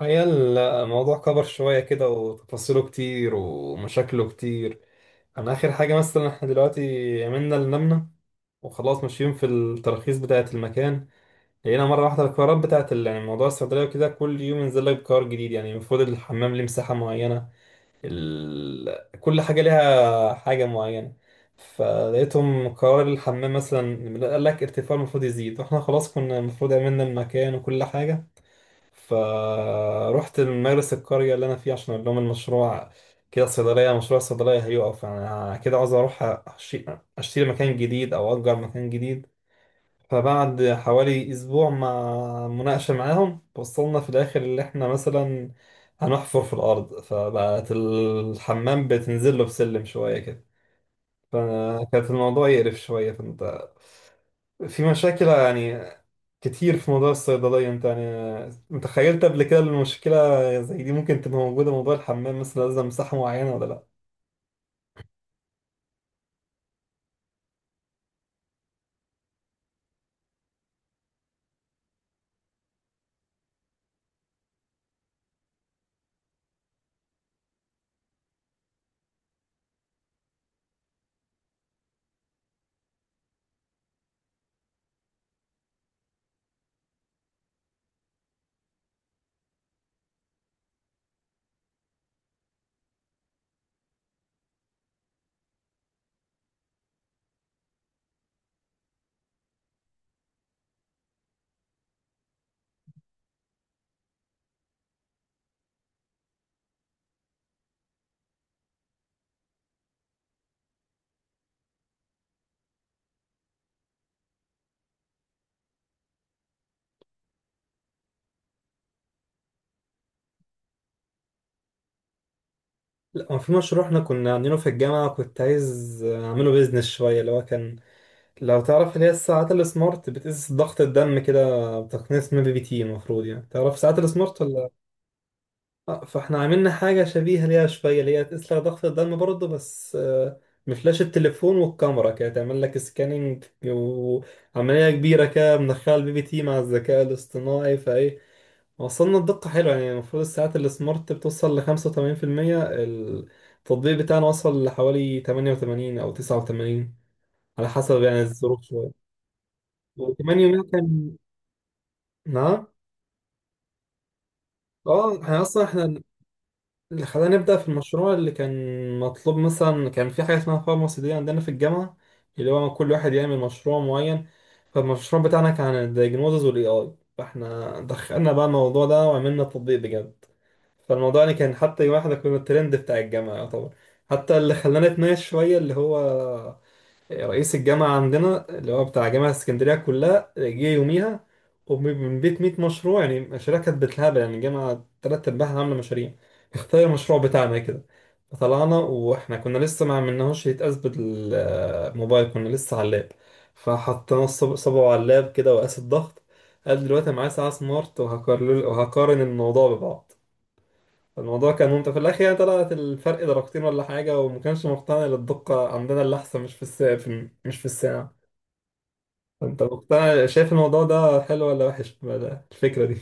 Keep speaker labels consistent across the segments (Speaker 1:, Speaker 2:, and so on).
Speaker 1: هي، الموضوع كبر شوية كده وتفاصيله كتير ومشاكله كتير. أنا آخر حاجة مثلا إحنا دلوقتي عملنا اللي نمنا وخلاص ماشيين في التراخيص بتاعة المكان. لقينا مرة واحدة القرارات بتاعة يعني موضوع الصيدلية وكده، كل يوم ينزل لك قرار جديد. يعني المفروض الحمام ليه مساحة معينة، كل حاجة ليها حاجة معينة. فلقيتهم قرار الحمام مثلا قال لك ارتفاع المفروض يزيد، واحنا خلاص كنا المفروض عملنا المكان وكل حاجة. فروحت المدرسة القرية اللي أنا فيها عشان أقول لهم المشروع كده، صيدلية مشروع الصيدلية هيقف، أنا كده عاوز أروح أشي- أشتري مكان جديد أو أجر مكان جديد. فبعد حوالي أسبوع مع مناقشة معاهم، وصلنا في الآخر اللي إحنا مثلا هنحفر في الأرض، فبقت الحمام بتنزل له بسلم شوية كده. فكانت الموضوع يقرف شوية، فأنت في مشاكل يعني كتير في موضوع الصيدلية. انت يعني متخيلت قبل كده إن المشكلة زي دي ممكن تبقى موجودة؟ موضوع الحمام مثلا لازم مساحة معينة ولا لا. لا، هو في مشروع احنا كنا عاملينه في الجامعة كنت عايز اعمله بيزنس شوية اللي هو كان، لو تعرف اللي هي الساعات السمارت بتقيس ضغط الدم كده بتقنية اسمها بي بي تي. المفروض يعني تعرف ساعات السمارت ولا؟ فاحنا عملنا حاجة شبيهة ليها شوية اللي هي تسلق ضغط الدم برضه، بس بفلاش التليفون والكاميرا كده تعمل لك سكاننج وعملية كبيرة كده، مدخلة البي بي تي مع الذكاء الاصطناعي. فايه، وصلنا الدقة حلوة يعني. المفروض الساعات السمارت بتوصل لخمسة وتمانين في المية، التطبيق بتاعنا وصل لحوالي 88 أو 89، على حسب يعني الظروف شوية. وكمان يوميها كان، نعم اه احنا اصلا احنا اللي خلاني أبدأ في المشروع اللي كان مطلوب مثلا، كان في حاجة اسمها فارماسي دي عندنا في الجامعة، اللي هو كل واحد يعمل مشروع معين. فالمشروع بتاعنا كان عن الدياجنوزز والاي اي، فاحنا دخلنا بقى الموضوع ده وعملنا تطبيق بجد. فالموضوع يعني كان، حتى يوم احنا كنا الترند بتاع الجامعة يعتبر. حتى اللي خلانا نتناقش شوية اللي هو رئيس الجامعة عندنا اللي هو بتاع جامعة اسكندرية كلها جه يوميها، ومن بيت 100 مشروع يعني، مشاريع كانت بالهبل يعني، الجامعة تلات أرباعها عاملة مشاريع، اختار المشروع بتاعنا كده. فطلعنا وإحنا كنا لسه ما عملناهوش يتقاس بالموبايل، كنا لسه على اللاب. فحطينا صبعه على اللاب كده وقاس الضغط. قال دلوقتي أنا معايا ساعة سمارت وهقارن، وهقارن الموضوع ببعض. الموضوع كان ممتع في الاخر يعني، طلعت الفرق درجتين ولا حاجه، وما كانش مقتنع إن الدقه عندنا اللي احسن مش في الساعه، في مش في الساعه. انت مقتنع، شايف الموضوع ده حلو ولا وحش بقى الفكره دي؟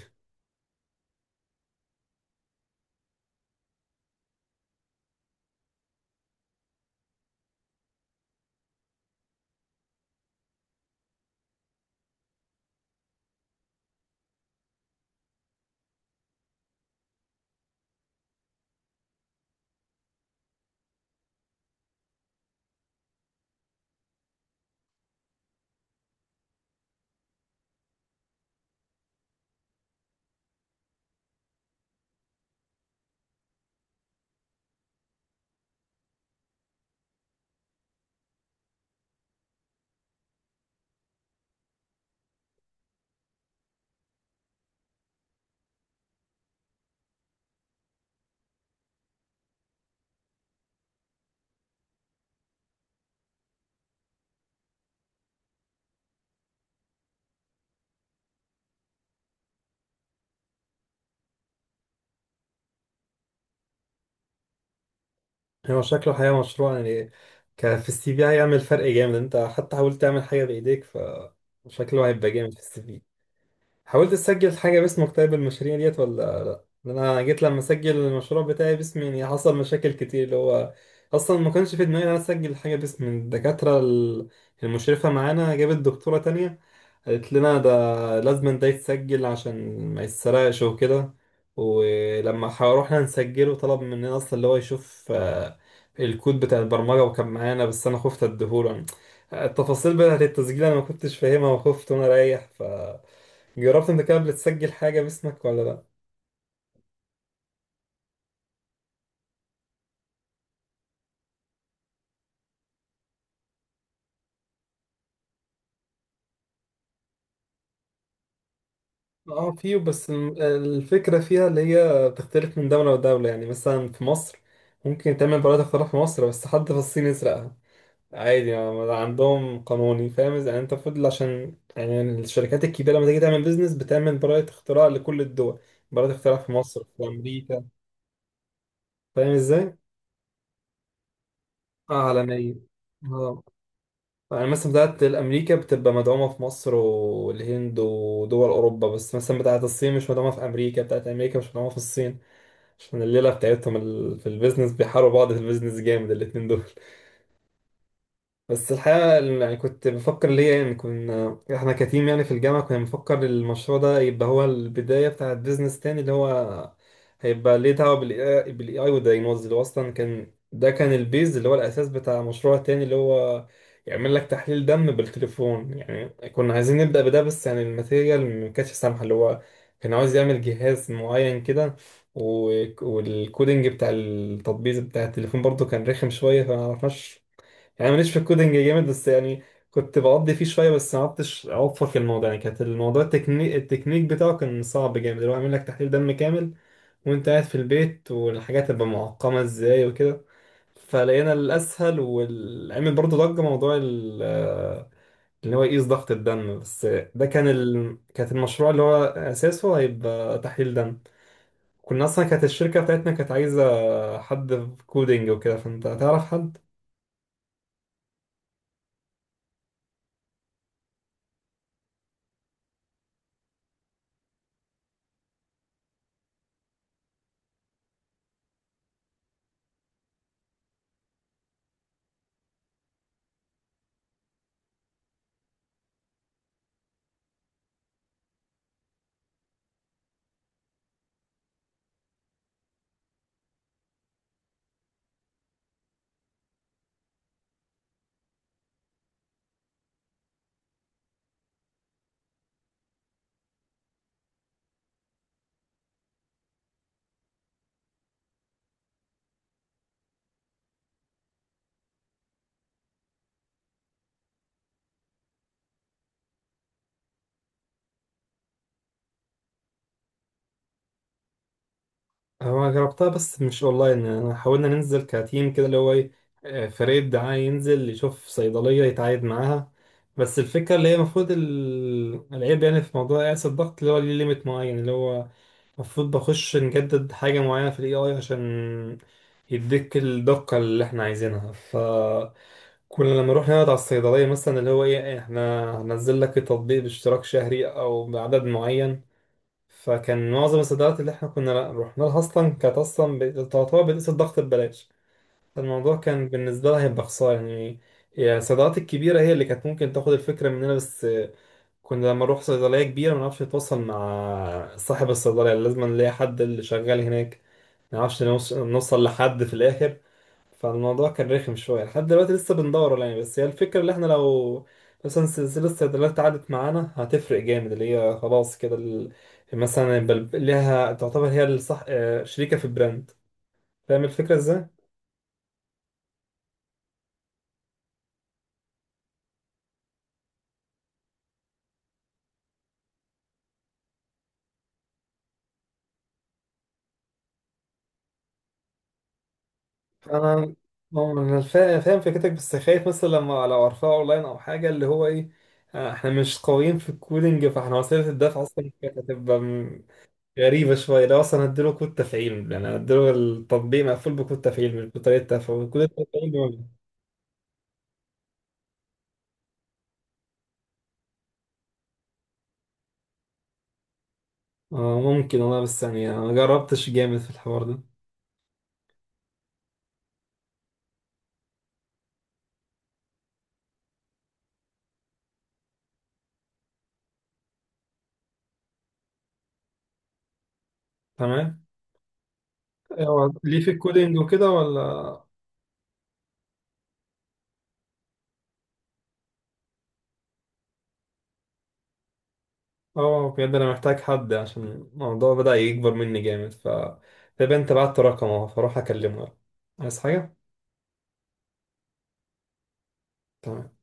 Speaker 1: هو شكله حقيقه مشروع يعني، ك في السي في هيعمل فرق جامد، انت حتى حاولت تعمل حاجه بايديك، فشكله هيبقى جامد في السي في. حاولت تسجل حاجة باسمك طيب المشاريع ديت ولا لا؟ لأن أنا جيت لما أسجل المشروع بتاعي باسمي يعني حصل مشاكل كتير اللي هو، أصلا ما كانش في دماغي إن أنا أسجل حاجة باسم الدكاترة المشرفة معانا جابت دكتورة تانية. قالت لنا ده لازم ده يتسجل عشان ما يتسرقش وكده. ولما روحنا نسجله، طلب مننا اصلا اللي هو يشوف الكود بتاع البرمجة، وكان معانا بس انا خفت اديهوله. التفاصيل بتاعت التسجيل انا ما كنتش فاهمها وخفت وانا رايح، ف جربت انت كده بتسجل حاجة باسمك ولا لا؟ اه في، بس الفكرة فيها اللي هي بتختلف من دولة لدولة يعني. مثلا في مصر ممكن تعمل براءة اختراع في مصر، بس حد في الصين يسرقها عادي يعني، عندهم قانوني فاهم إذا يعني. انت المفروض، عشان يعني الشركات الكبيره لما تيجي تعمل بيزنس بتعمل براءه اختراع لكل الدول. براءه اختراع في مصر، في امريكا. فاهم ازاي؟ اه علنيه. اه، يعني مثلا بتاعت الامريكا بتبقى مدعومه في مصر والهند ودول اوروبا، بس مثلا بتاعت الصين مش مدعومه في امريكا، بتاعت امريكا مش مدعومه في الصين. عشان الليله بتاعتهم في البيزنس بيحاربوا بعض في البيزنس جامد الاتنين دول. بس الحقيقة يعني كنت بفكر ليه يعني. كنا احنا كتيم يعني في الجامعة، كنا بنفكر المشروع ده يبقى هو البداية بتاعة بيزنس تاني، اللي هو هيبقى ليه دعوة بالاي اي والدايجنوز، اللي هو اصلا كان ده كان البيز اللي هو الاساس بتاع مشروع تاني، اللي هو يعمل لك تحليل دم بالتليفون يعني. كنا عايزين نبدأ بده بس يعني الماتيريال ما كانتش سامحة، اللي هو كان عاوز يعمل جهاز معين كده، و- والكودينج بتاع التطبيق بتاع التليفون برضه كان رخم شوية فما عرفناش. يعني ماليش في الكودينج جامد بس يعني، كنت بقضي فيه شويه بس ما عرفتش اوفق الموضوع يعني. كانت الموضوع التكنيك، بتاعه كان صعب جامد اللي هو عامل لك تحليل دم كامل وانت قاعد في البيت، والحاجات تبقى معقمه ازاي وكده. فلقينا الاسهل والعمل برضه ضجه موضوع اللي هو يقيس ضغط الدم بس. ده كان كانت المشروع اللي هو اساسه هيبقى تحليل دم. كنا اصلا كانت الشركه بتاعتنا كانت عايزه حد في كودينج وكده، فانت تعرف حد؟ هو جربتها بس مش اونلاين يعني، أنا حاولنا ننزل كتيم كده اللي هو ايه، فريق دعاية ينزل يشوف صيدلية يتعايد معاها. بس الفكرة اللي هي المفروض العيب يعني في موضوع قياس الضغط اللي هو ليه ليميت معين، اللي هو المفروض بخش نجدد حاجة معينة في الاي اي عشان يديك الدقة اللي احنا عايزينها. فكنا لما نروح نقعد على الصيدلية مثلا اللي هو ايه، احنا هنزل لك التطبيق باشتراك شهري او بعدد معين. فكان معظم الصيدليات اللي احنا كنا رحنا لها اصلا كانت اصلا تعتبر بتقيس الضغط ببلاش. فالموضوع كان بالنسبه لها هيبقى خساره يعني. يعني الصيدليات الكبيره هي اللي كانت ممكن تاخد الفكره مننا، بس كنا لما نروح صيدليه كبيره ما نعرفش نتواصل مع صاحب الصيدليه، لازم نلاقي حد اللي شغال هناك، ما نعرفش نوصل لحد في الاخر. فالموضوع كان رخم شوية، لحد دلوقتي لسه بندور يعني. بس هي الفكرة اللي احنا لو مثلا سلسلة الصيدليات عدت معانا هتفرق جامد، اللي هي خلاص كده مثلا يبقى ليها، تعتبر هي الصح شريكة في البراند. فاهم الفكرة ازاي؟ انا انا فاهم فكرتك بس خايف مثلا لما لو ارفعه اونلاين او حاجة اللي هو ايه، احنا مش قويين في الكودينج. فاحنا وسيلة الدفع اصلا كانت هتبقى غريبة شوية، ده أصلا هديله كود تفعيل يعني، هديله التطبيق مقفول بكود تفعيل مش بطريقة تفعيل، كود التفعيل بيقول. آه ممكن والله، بس يعني أنا ما جربتش جامد في الحوار ده. تمام. هو ليه في الكودينج وكده ولا؟ اه بجد أنا محتاج حد عشان الموضوع بدأ يكبر مني جامد، ف طب أنت بعت رقمه فأروح أكلمه. عايز حاجة؟ تمام.